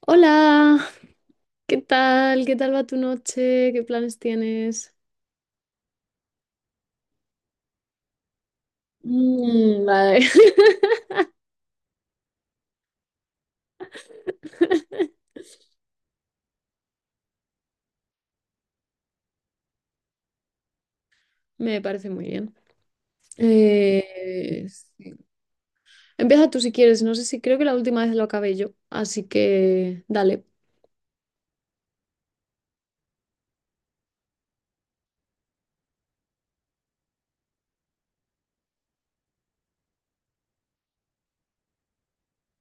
Hola, ¿qué tal? ¿Qué tal va tu noche? ¿Qué planes tienes? Vale. Me parece muy bien. Sí. Empieza tú si quieres. No sé si creo que la última vez lo acabé yo, así que dale.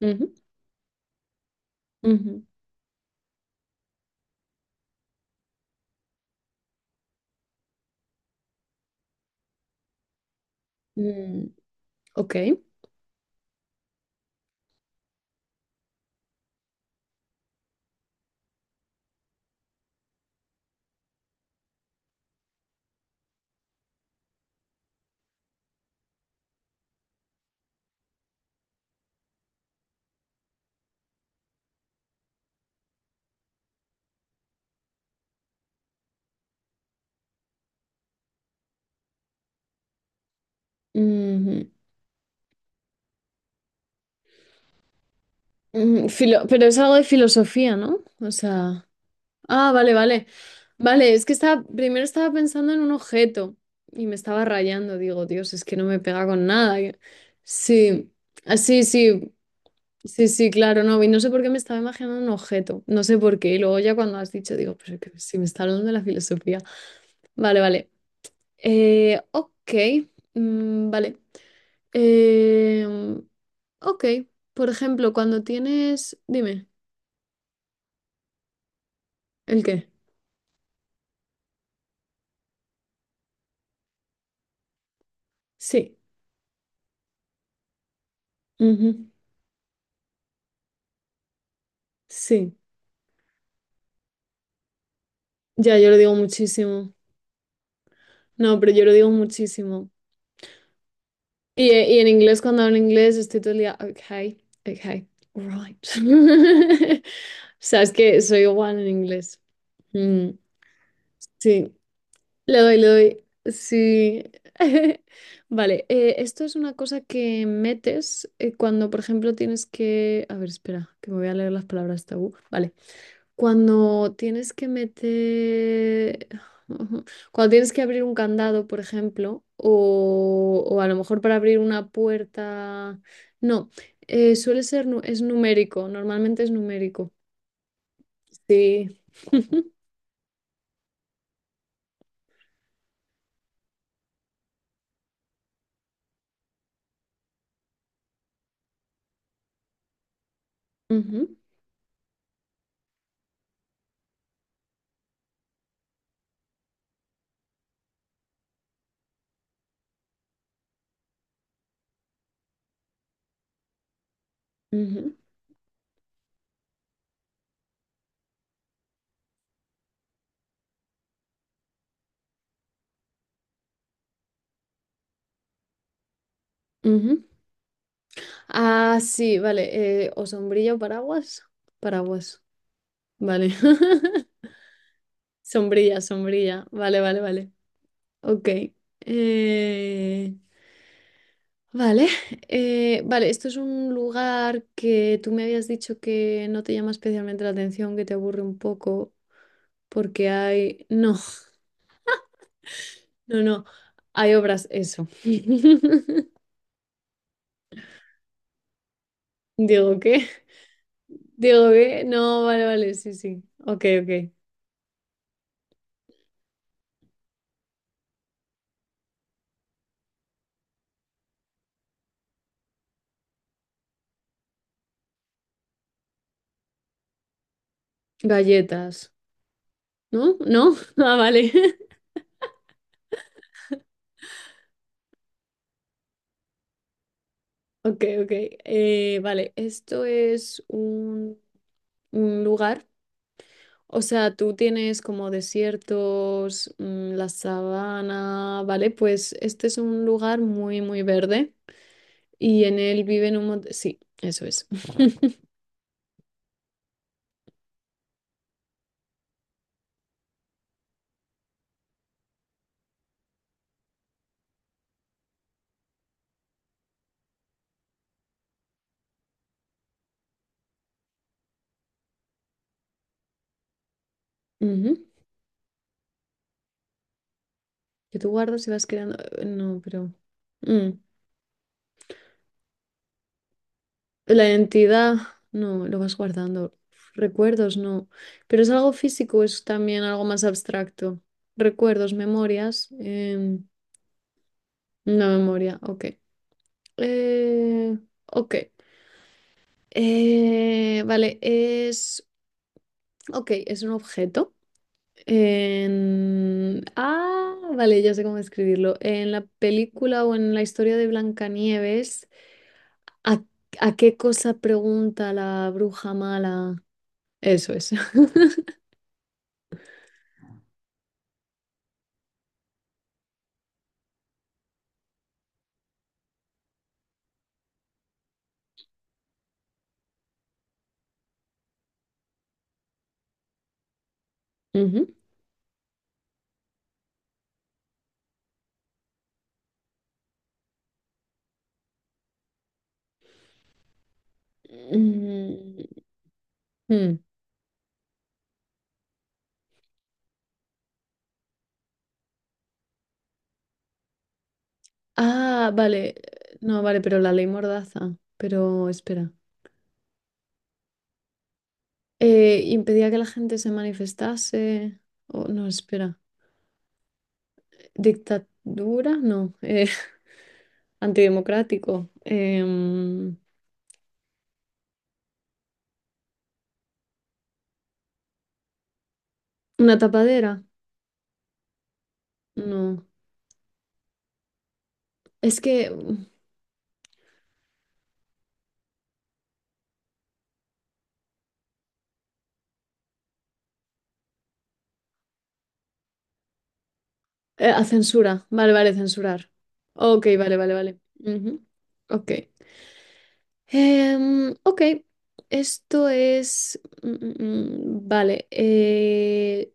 Ujú, ujú. Mm, ok. Ujú. Pero es algo de filosofía, ¿no? O sea. Ah, vale, vale. Vale, es que estaba, primero estaba pensando en un objeto y me estaba rayando. Digo, Dios, es que no me pega con nada. Sí, ah, sí, sí, sí, sí, claro, no. Y no sé por qué me estaba imaginando un objeto. No sé por qué. Y luego ya cuando has dicho, digo, pero que si me está hablando de la filosofía. Vale, vale. Ok, vale. Em, ok, por ejemplo, cuando tienes... Dime, ¿el qué? Sí. Ujú, sí. Ya, yo lo digo muchísimo. No, pero yo lo digo muchísimo. Y en inglés, cuando hablo inglés, estoy todo el día, okay, okay, right. O sea, es que soy igual en inglés. Mm, sí, le doy, le doy. Sí. Vale, esto es una cosa que metes cuando, por ejemplo, tienes que... A ver, espera, que me voy a leer las palabras tabú. Vale. Cuando tienes que meter, cuando tienes que abrir un candado, por ejemplo, o a lo mejor para abrir una puerta, no, suele ser, es numérico, normalmente es numérico. Sí. Ujú, ujú, ujú. Ah, sí, vale, o sombrilla o paraguas, paraguas, vale. Sombrilla, sombrilla, vale, vale, vale. Ok. eh, vale. Vale, esto es un lugar que tú me habías dicho que no te llama especialmente la atención, que te aburre un poco, porque hay... No, no, no. Hay obras, eso. Digo, ¿qué? Digo, ¿qué? No, vale, vale, sí, sí. Ok, ok. Galletas. ¿No? ¿No? Ah, vale. Ok, ok. Vale, esto es un lugar. O sea, tú tienes como desiertos, la sabana, ¿vale? Pues este es un lugar muy, muy verde y en él viven un montón... Sí, eso es. Ujú. Que tú guardas y vas creando... No, pero... mm, La identidad, no, lo vas guardando. Recuerdos, no. Pero es algo físico, es también algo más abstracto. Recuerdos, memorias. Una memoria, ok. Eh, ok. Vale, es... Ok, es un objeto. Ah, vale, ya sé cómo escribirlo. En la película o en la historia de Blancanieves, ¿a, ¿a qué cosa pregunta la bruja mala? Eso es. Ujú. Mm, mm. Ah, vale. No, vale, pero la ley Mordaza. Pero espera. ¿Impedía que la gente se manifestase? O no, espera. ¿Dictadura? No. Antidemocrático. Una tapadera. No. Es que a censura. Vale, vale, censurar. Ok, vale, vale, vale. Ujú. Ok. Ok. Esto es. Vale.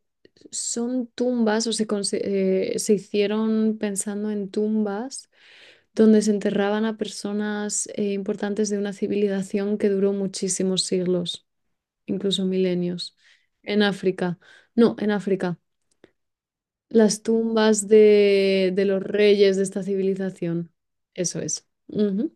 Son tumbas o se, se hicieron pensando en tumbas donde se enterraban a personas importantes de una civilización que duró muchísimos siglos, incluso milenios, en África. No, en África. Las tumbas de los reyes de esta civilización. Eso es. Ujú,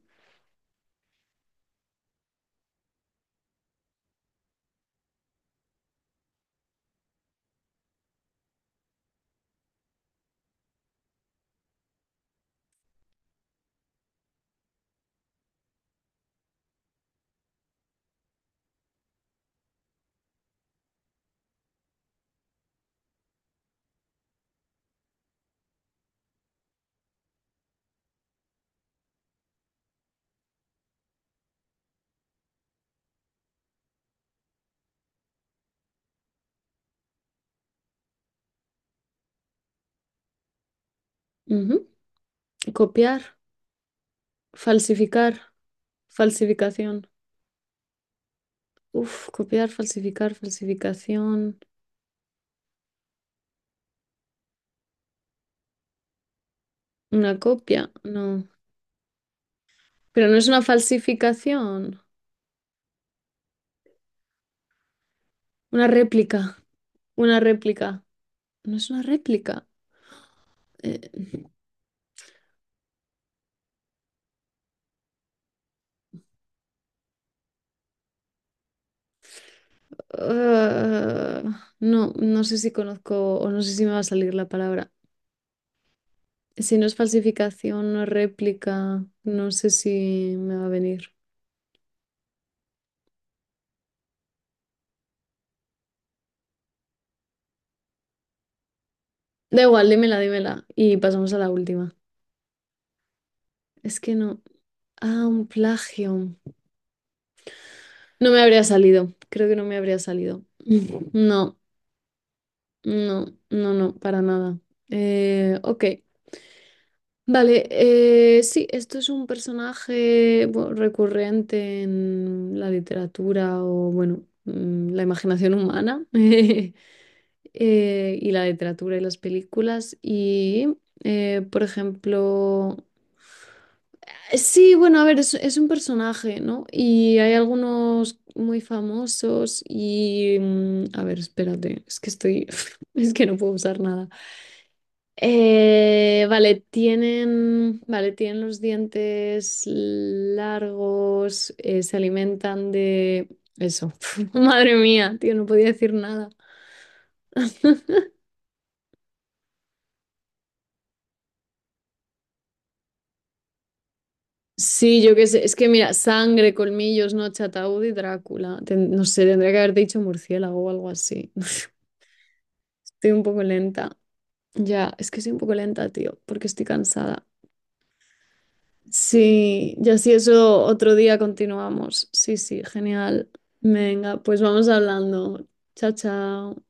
ujú. Copiar, falsificar, falsificación. Uf, copiar, falsificar, falsificación. Una copia, no. Pero no es una falsificación. Una réplica. Una réplica. No es una réplica. Eh, ah, no, no sé si conozco o no sé si me va a salir la palabra. Si no es falsificación, no es réplica, no sé si me va a venir. Da igual, dímela, dímela. Y pasamos a la última. Es que no. Ah, un plagio. No me habría salido. Creo que no me habría salido. No, no, no, no, para nada. Ok. Vale, sí, esto es un personaje bueno, recurrente en la literatura o, bueno, la imaginación humana. Y la literatura y las películas. Y, por ejemplo, sí, bueno, a ver, es un personaje, ¿no? Y hay algunos muy famosos y, a ver, espérate, es que estoy, es que no puedo usar nada. Vale, tienen los dientes largos, se alimentan de... Eso, madre mía, tío, no podía decir nada. Sí, yo qué sé. Es que mira, sangre, colmillos, noche, ataúd y Drácula. No sé, tendría que haber dicho murciélago o algo así. Estoy un poco lenta. Ya, es que soy un poco lenta, tío, porque estoy cansada. Sí, ya si eso otro día continuamos. Sí, sí, genial. Venga, pues vamos hablando. Chao, chao.